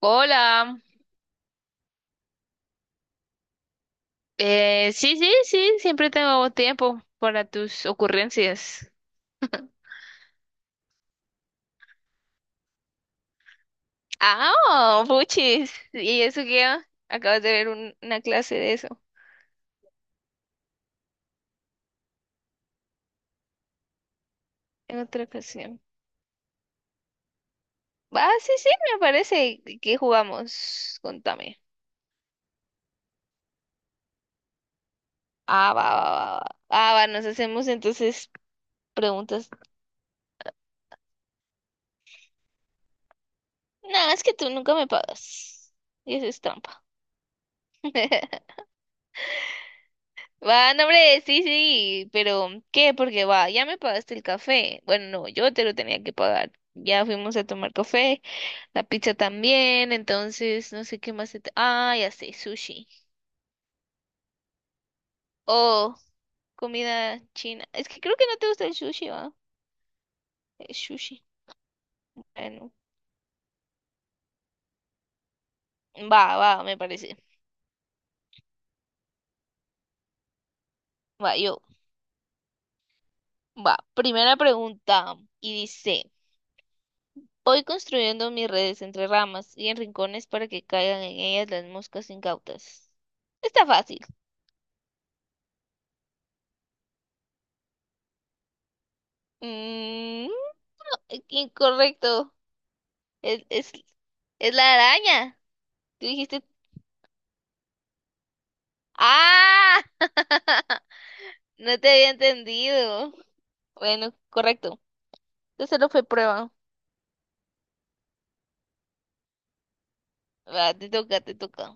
Hola, sí, sí, sí, siempre tengo tiempo para tus ocurrencias. Ah, oh, puchis. ¿Y eso qué? Acabas de ver una clase de eso en otra ocasión. Ah, sí, sí, me parece. ¿Qué jugamos? Contame. Ah, va, va, va, va. Ah, va, nos hacemos entonces preguntas. No, es que tú nunca me pagas. Y eso es trampa. Va, no, hombre, sí, sí, pero ¿qué? Porque va, ya me pagaste el café. Bueno, no, yo te lo tenía que pagar. Ya fuimos a tomar café, la pizza también, entonces no sé qué más. Ah, ya sé, sushi. Oh, comida china. Es que creo que no te gusta el sushi, va. El sushi. Bueno, va, va, me parece. Va, yo. Va, primera pregunta. Y dice, voy construyendo mis redes entre ramas y en rincones para que caigan en ellas las moscas incautas. Está fácil. Mm, Incorrecto. Es, es, es la araña. Tú dijiste. ¡Ah! No te había entendido. Bueno, correcto. Entonces no fue prueba. Va, te toca, te toca.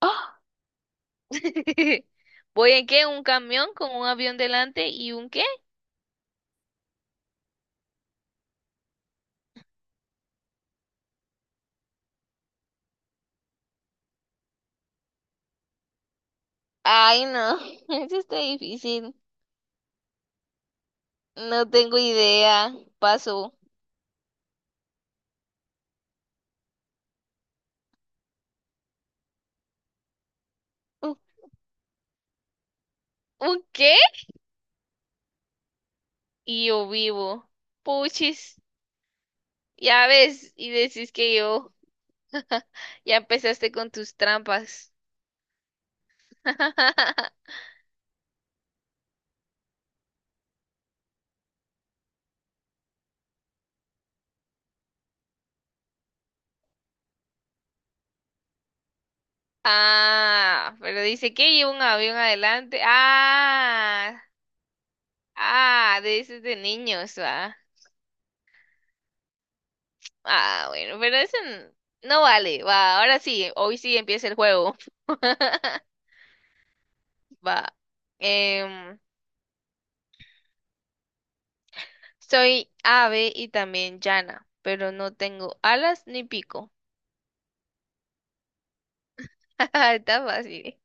¡Ah! ¿Voy en qué? ¿Un camión con un avión delante y un qué? Ay, no. Eso está difícil. No tengo idea. Paso. ¿Un, un qué? Y yo vivo. Puchis. Ya ves, y decís que yo. Ya empezaste con tus trampas. Ah, pero dice que lleva un avión adelante. Ah, de esos de niños, va. Ah, bueno, pero eso no vale, va. Ahora sí, hoy sí empieza el juego. Va. Em, Soy ave y también llana, pero no tengo alas ni pico. Está fácil.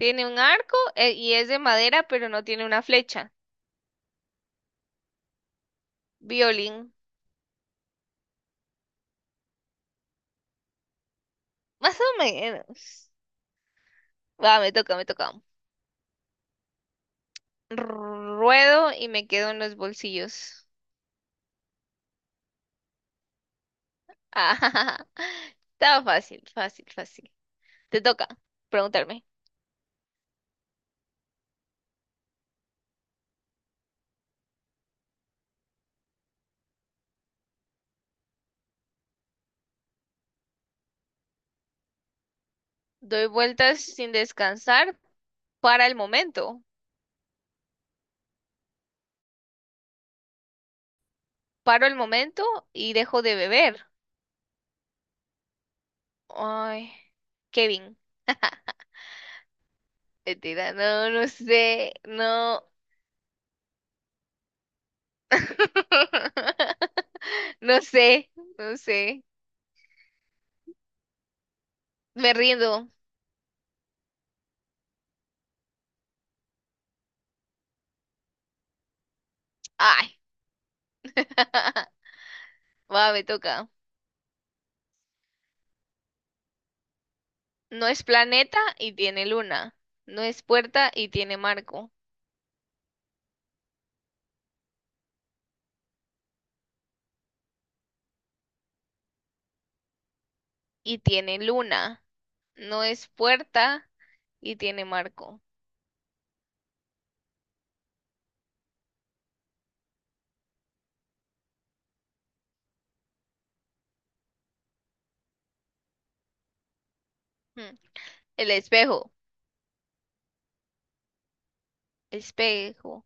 Tiene un arco y es de madera, pero no tiene una flecha. Violín. Más o menos. Va, me toca, me toca. Ruedo y me quedo en los bolsillos. Ah, estaba fácil, fácil, fácil. Te toca preguntarme. Doy vueltas sin descansar para el momento. Paro el momento y dejo de beber. Ay, Kevin. Mentira, no, no sé, no. No sé, no sé. Me rindo. Ay. Va, me toca. No es planeta y tiene luna. No es puerta y tiene marco. Y tiene luna. No es puerta y tiene marco. Hmm. El espejo. Espejo.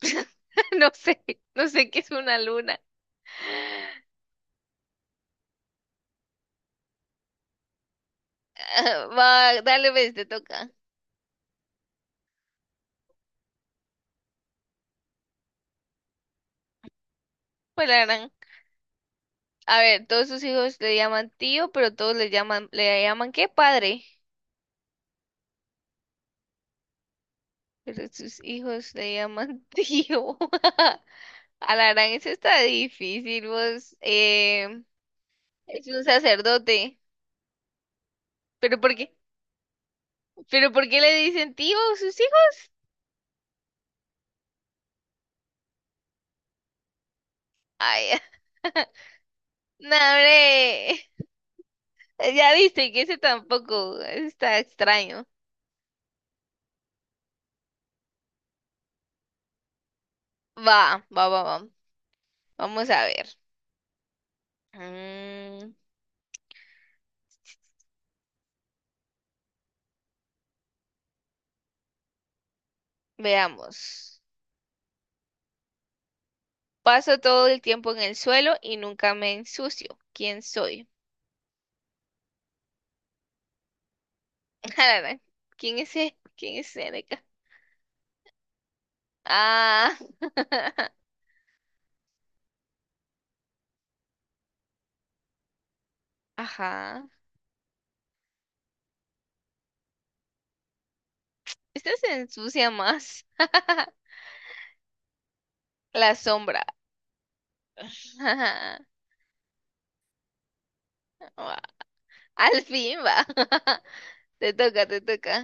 No sé, no sé qué es una luna. Ah, va, dale, ves, te toca. Pues la gran. A ver, todos sus hijos le llaman tío, pero todos ¿le llaman qué? Padre. Pero sus hijos le llaman tío. A la gran, eso está difícil, vos. Es un sacerdote. ¿Pero por qué? ¿Pero por qué le dicen tío a sus hijos? Ay, no, hombre. Ya viste que ese tampoco ese está extraño. Va, va, va, va. Vamos a ver. Mm, Veamos. Paso todo el tiempo en el suelo y nunca me ensucio. ¿Quién soy? A la gran, ¿quién es ese? ¿Quién es ese? Ah, ajá. Esta se ensucia más. La sombra. Ua, al fin va. Te toca, te toca.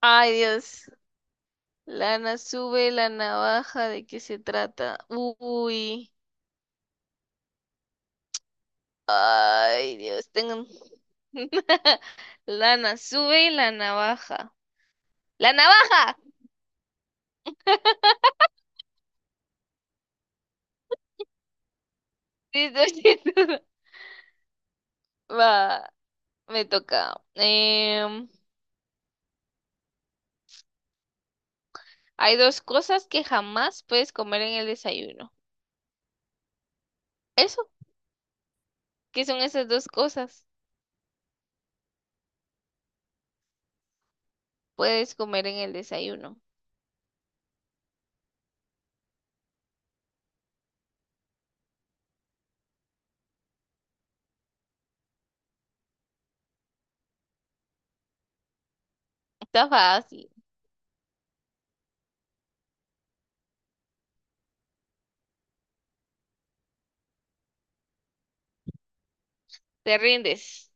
Ay, Dios. Lana sube la navaja. ¿De qué se trata? Uy. Ay, Dios. Tengo. Lana sube la navaja. ¡La navaja! Sí, Va. Me toca. Hay dos cosas que jamás puedes comer en el desayuno. Eso, ¿qué son esas dos cosas? Puedes comer en el desayuno. Está fácil. Te rindes.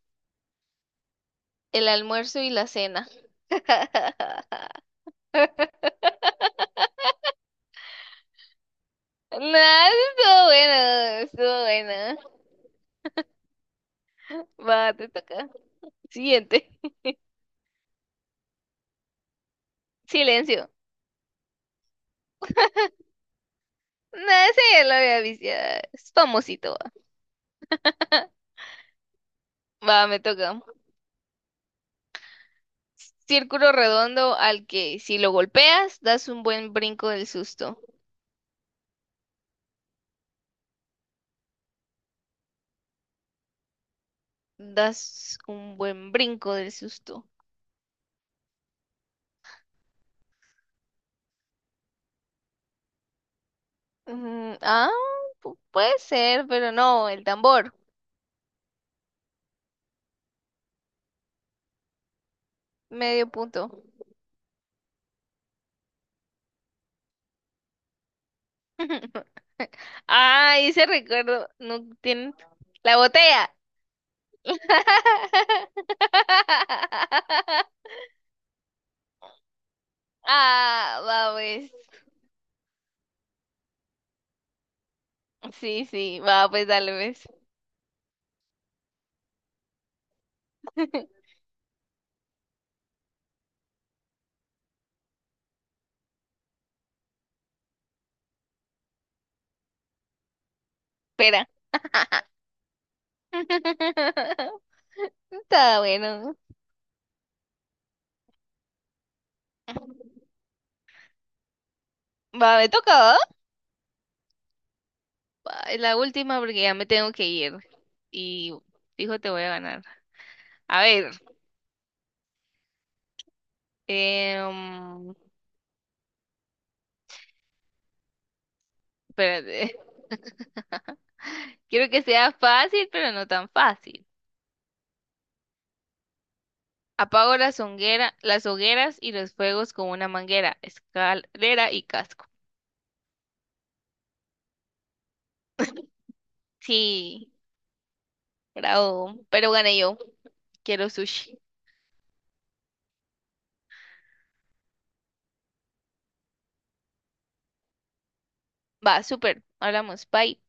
El almuerzo y la cena. No, estuvo bueno, estuvo bueno. Va, te toca. Siguiente. Silencio. No, ese ya lo había visto. Ya es famosito. Va, va, me toca. Círculo redondo al que si lo golpeas das un buen brinco del susto. Das un buen brinco del susto. Ah, puede ser, pero no, el tambor, medio punto. Ah, ese recuerdo, no tiene la botella. Ah, va pues. Sí, sí, va pues, dale pues. Espera. Está bueno. Va, me toca, ¿va? Va, es la última porque ya me tengo que ir. Y dijo te voy a ganar. A ver, em, espérate. Quiero que sea fácil, pero no tan fácil. Apago las hogueras y los fuegos con una manguera, escalera y casco. Sí, bravo. Pero gané yo. Quiero sushi. Va, súper. Hablamos. Bye.